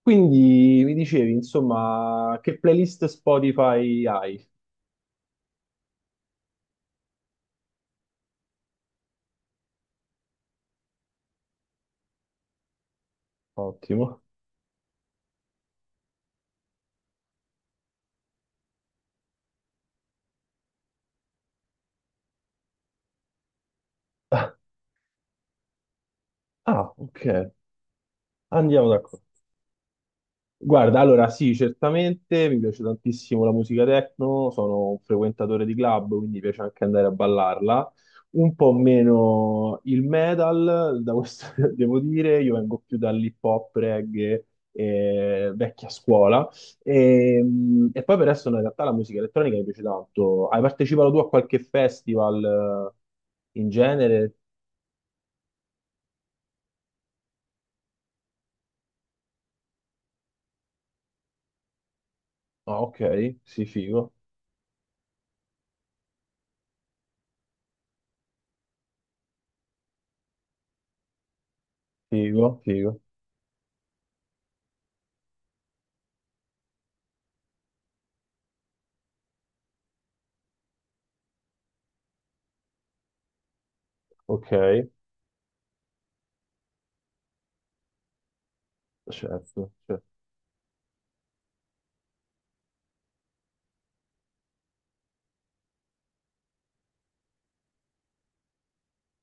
Quindi mi dicevi, insomma, che playlist Spotify hai? Ottimo. Ah, ok. Andiamo d'accordo. Guarda, allora sì, certamente mi piace tantissimo la musica techno, sono un frequentatore di club, quindi mi piace anche andare a ballarla. Un po' meno il metal, da questo devo dire, io vengo più dall'hip hop, reggae, vecchia scuola. E poi per adesso in realtà la musica elettronica mi piace tanto. Hai partecipato tu a qualche festival in genere? Ah, ok, sì, figo, figo, figo, ok, certo,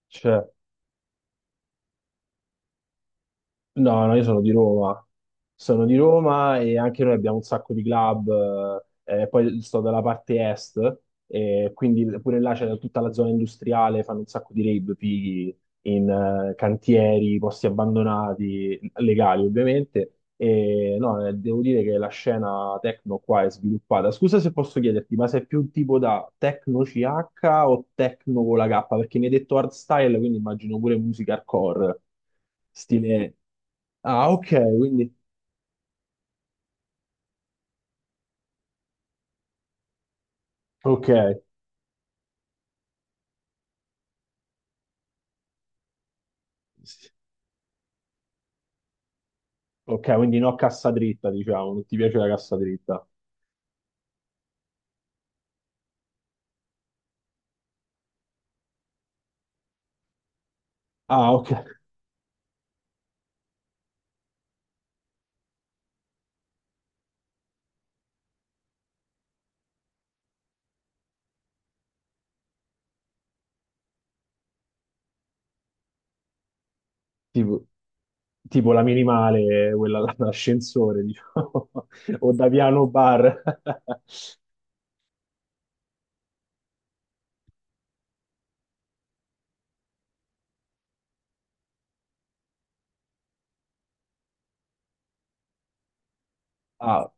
certo. No, no, io sono di Roma. Sono di Roma e anche noi abbiamo un sacco di club. Poi sto dalla parte est, e quindi pure là c'è tutta la zona industriale, fanno un sacco di rave, fighi in cantieri, posti abbandonati, legali ovviamente. E no, devo dire che la scena techno qua è sviluppata. Scusa se posso chiederti, ma sei più un tipo da techno CH o techno con la K? Perché mi hai detto hardstyle, quindi immagino pure musica hardcore, stile... Ah, ok, quindi... Ok, ok, quindi no cassa dritta, diciamo, non ti piace la cassa dritta. Ah, ok. Tipo, tipo la minimale, quella dell'ascensore, diciamo, o da piano bar. Ah,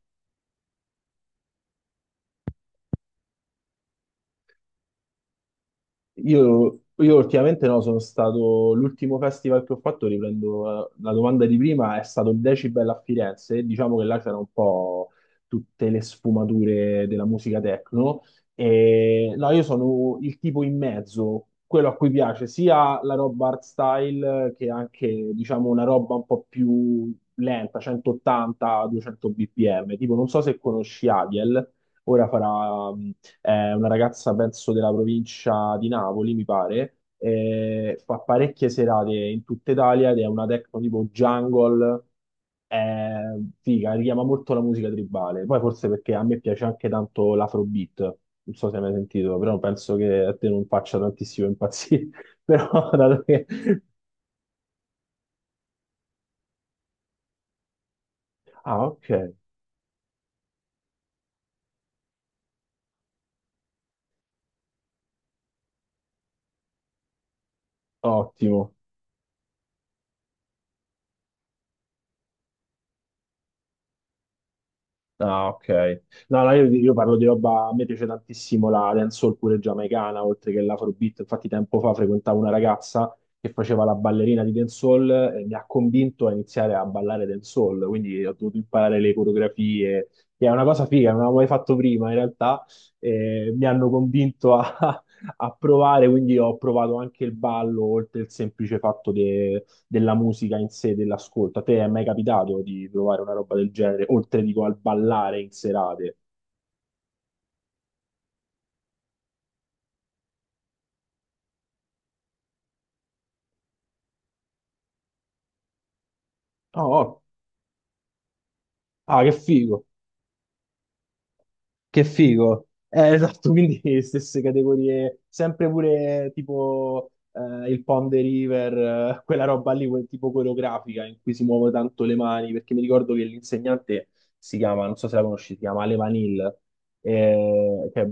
io ultimamente no, sono stato, l'ultimo festival che ho fatto, riprendo la domanda di prima, è stato il Decibel a Firenze, e diciamo che là c'erano un po' tutte le sfumature della musica techno, no? E no, io sono il tipo in mezzo, quello a cui piace sia la roba art style che anche, diciamo, una roba un po' più lenta, 180-200 bpm, tipo non so se conosci Aviel, ora farà è una ragazza, penso, della provincia di Napoli, mi pare, e fa parecchie serate in tutta Italia ed è una techno tipo jungle, è figa, richiama molto la musica tribale. Poi forse perché a me piace anche tanto l'afrobeat, non so se hai mai sentito, però penso che a te non faccia tantissimo impazzire, però dato che... Ah, ok, ottimo. Ah, ok. No, no, io parlo di roba, a me piace tantissimo la dancehall pure giamaicana, oltre che l'afrobeat. Infatti tempo fa frequentavo una ragazza che faceva la ballerina di dancehall e mi ha convinto a iniziare a ballare dancehall, quindi ho dovuto imparare le coreografie, che è una cosa figa, non avevo mai fatto prima in realtà, e mi hanno convinto a, a provare, quindi ho provato anche il ballo, oltre il semplice fatto della musica in sé, dell'ascolto. A te è mai capitato di provare una roba del genere, oltre dico al ballare in serate? Oh, oh, ah, che figo! Che figo. Esatto, quindi stesse categorie, sempre pure tipo il Pond de River, quella roba lì, quel tipo coreografica in cui si muovono tanto le mani, perché mi ricordo che l'insegnante si chiama, non so se la conosci, si chiama Ale Vanil, che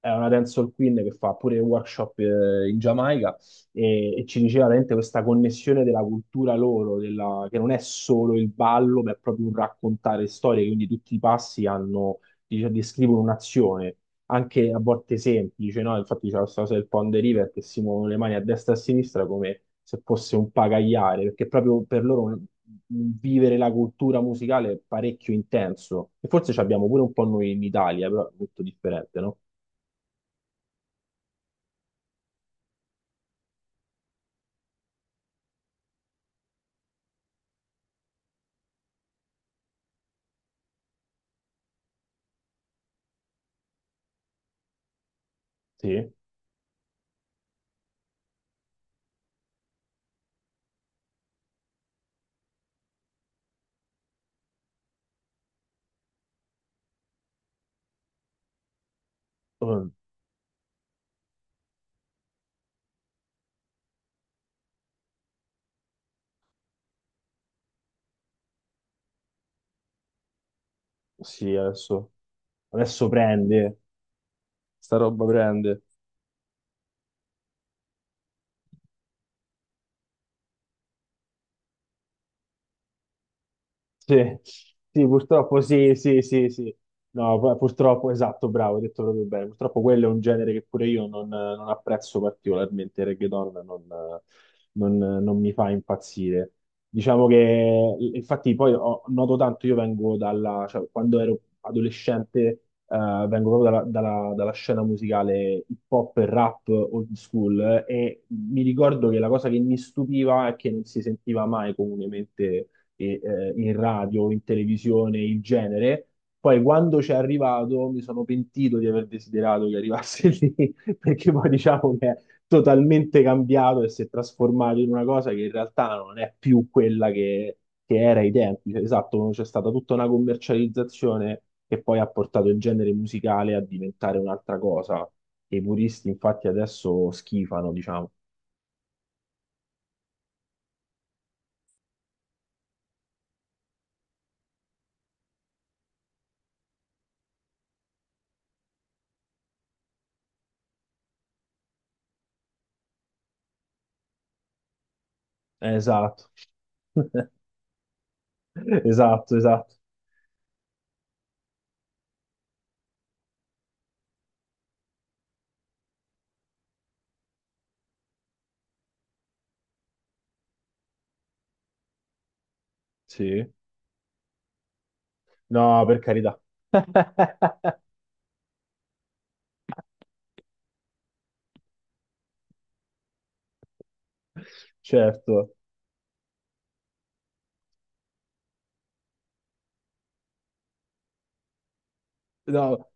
è una dancehall queen che fa pure workshop in Giamaica e ci diceva veramente questa connessione della cultura loro, che non è solo il ballo, ma è proprio un raccontare storie, quindi tutti i passi hanno descrivono un'azione, anche a volte semplice, no? Infatti c'è questa cosa del Pond River che si muovono le mani a destra e a sinistra come se fosse un pagaiare, perché proprio per loro vivere la cultura musicale è parecchio intenso. E forse ci abbiamo pure un po' noi in Italia, però è molto differente, no? Sì, Mm, sì, adesso, adesso prende, sta roba prende. Sì, sì, purtroppo sì, sì, sì, sì. No, purtroppo, esatto, bravo, hai detto proprio bene. Purtroppo quello è un genere che pure io non apprezzo particolarmente, il reggaeton non- non mi fa impazzire. Diciamo che, infatti, poi noto tanto, io vengo dalla, cioè, quando ero adolescente, vengo proprio dalla, dalla scena musicale hip hop e rap old school, e mi ricordo che la cosa che mi stupiva è che non si sentiva mai comunemente e, in radio, in televisione, il genere. Poi quando ci è arrivato mi sono pentito di aver desiderato che arrivasse lì, perché poi diciamo che è totalmente cambiato e si è trasformato in una cosa che in realtà non è più quella che era ai tempi. Cioè, esatto, c'è stata tutta una commercializzazione che poi ha portato il genere musicale a diventare un'altra cosa. E i puristi infatti adesso schifano, diciamo. Esatto, esatto, esatto. Sì. No, per carità. Certo. No.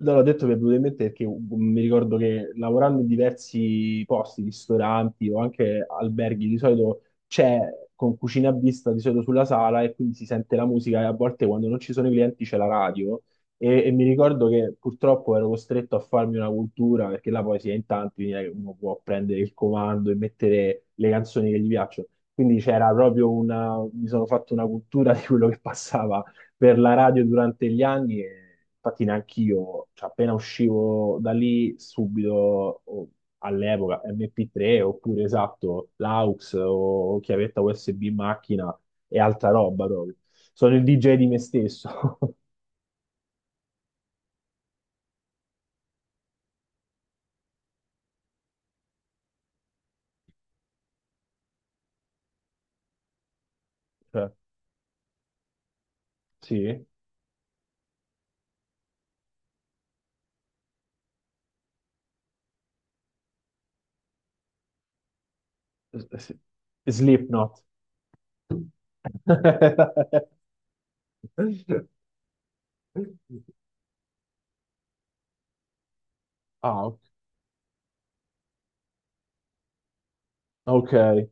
No, l'ho detto mi è venuto in mente perché mi ricordo che lavorando in diversi posti, ristoranti o anche alberghi, di solito c'è con cucina a vista di solito sulla sala e quindi si sente la musica e a volte quando non ci sono i clienti c'è la radio e mi ricordo che purtroppo ero costretto a farmi una cultura perché là poi si è in tanti, quindi non è che uno può prendere il comando e mettere le canzoni che gli piacciono. Quindi c'era proprio una, mi sono fatto una cultura di quello che passava per la radio durante gli anni e infatti neanche io, cioè, appena uscivo da lì subito all'epoca MP3 oppure esatto l'aux o chiavetta USB in macchina e altra roba proprio. Sono il DJ di me stesso. Cioè, sì, S- s- Slipknot. Ah, ok.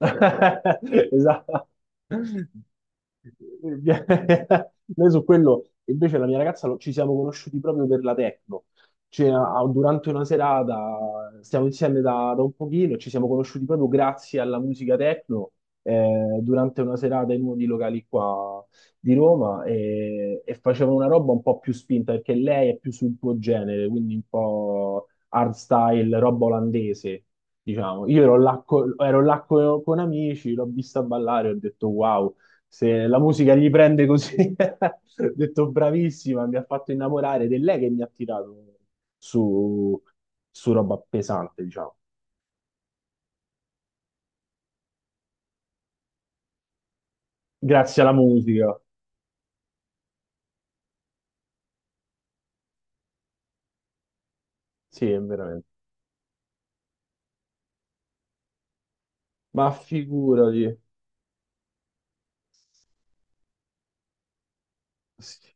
Esatto. Noi su quello, invece, la mia ragazza ci siamo conosciuti proprio per la techno. Cioè, durante una serata stiamo insieme da un pochino e ci siamo conosciuti proprio grazie alla musica techno durante una serata in uno dei locali qua di Roma e facevano una roba un po' più spinta perché lei è più sul tuo genere, quindi un po' hardstyle, roba olandese. Diciamo, io ero là, ero là con amici, l'ho vista ballare, ho detto wow, se la musica gli prende così, ho detto bravissima, mi ha fatto innamorare ed è lei che mi ha tirato su, su, roba pesante, diciamo. Grazie alla musica, sì, veramente. Ma figurati, sì,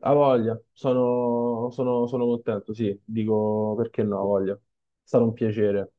ha voglia, sono contento, sì, dico perché no, ha voglia. È stato un piacere.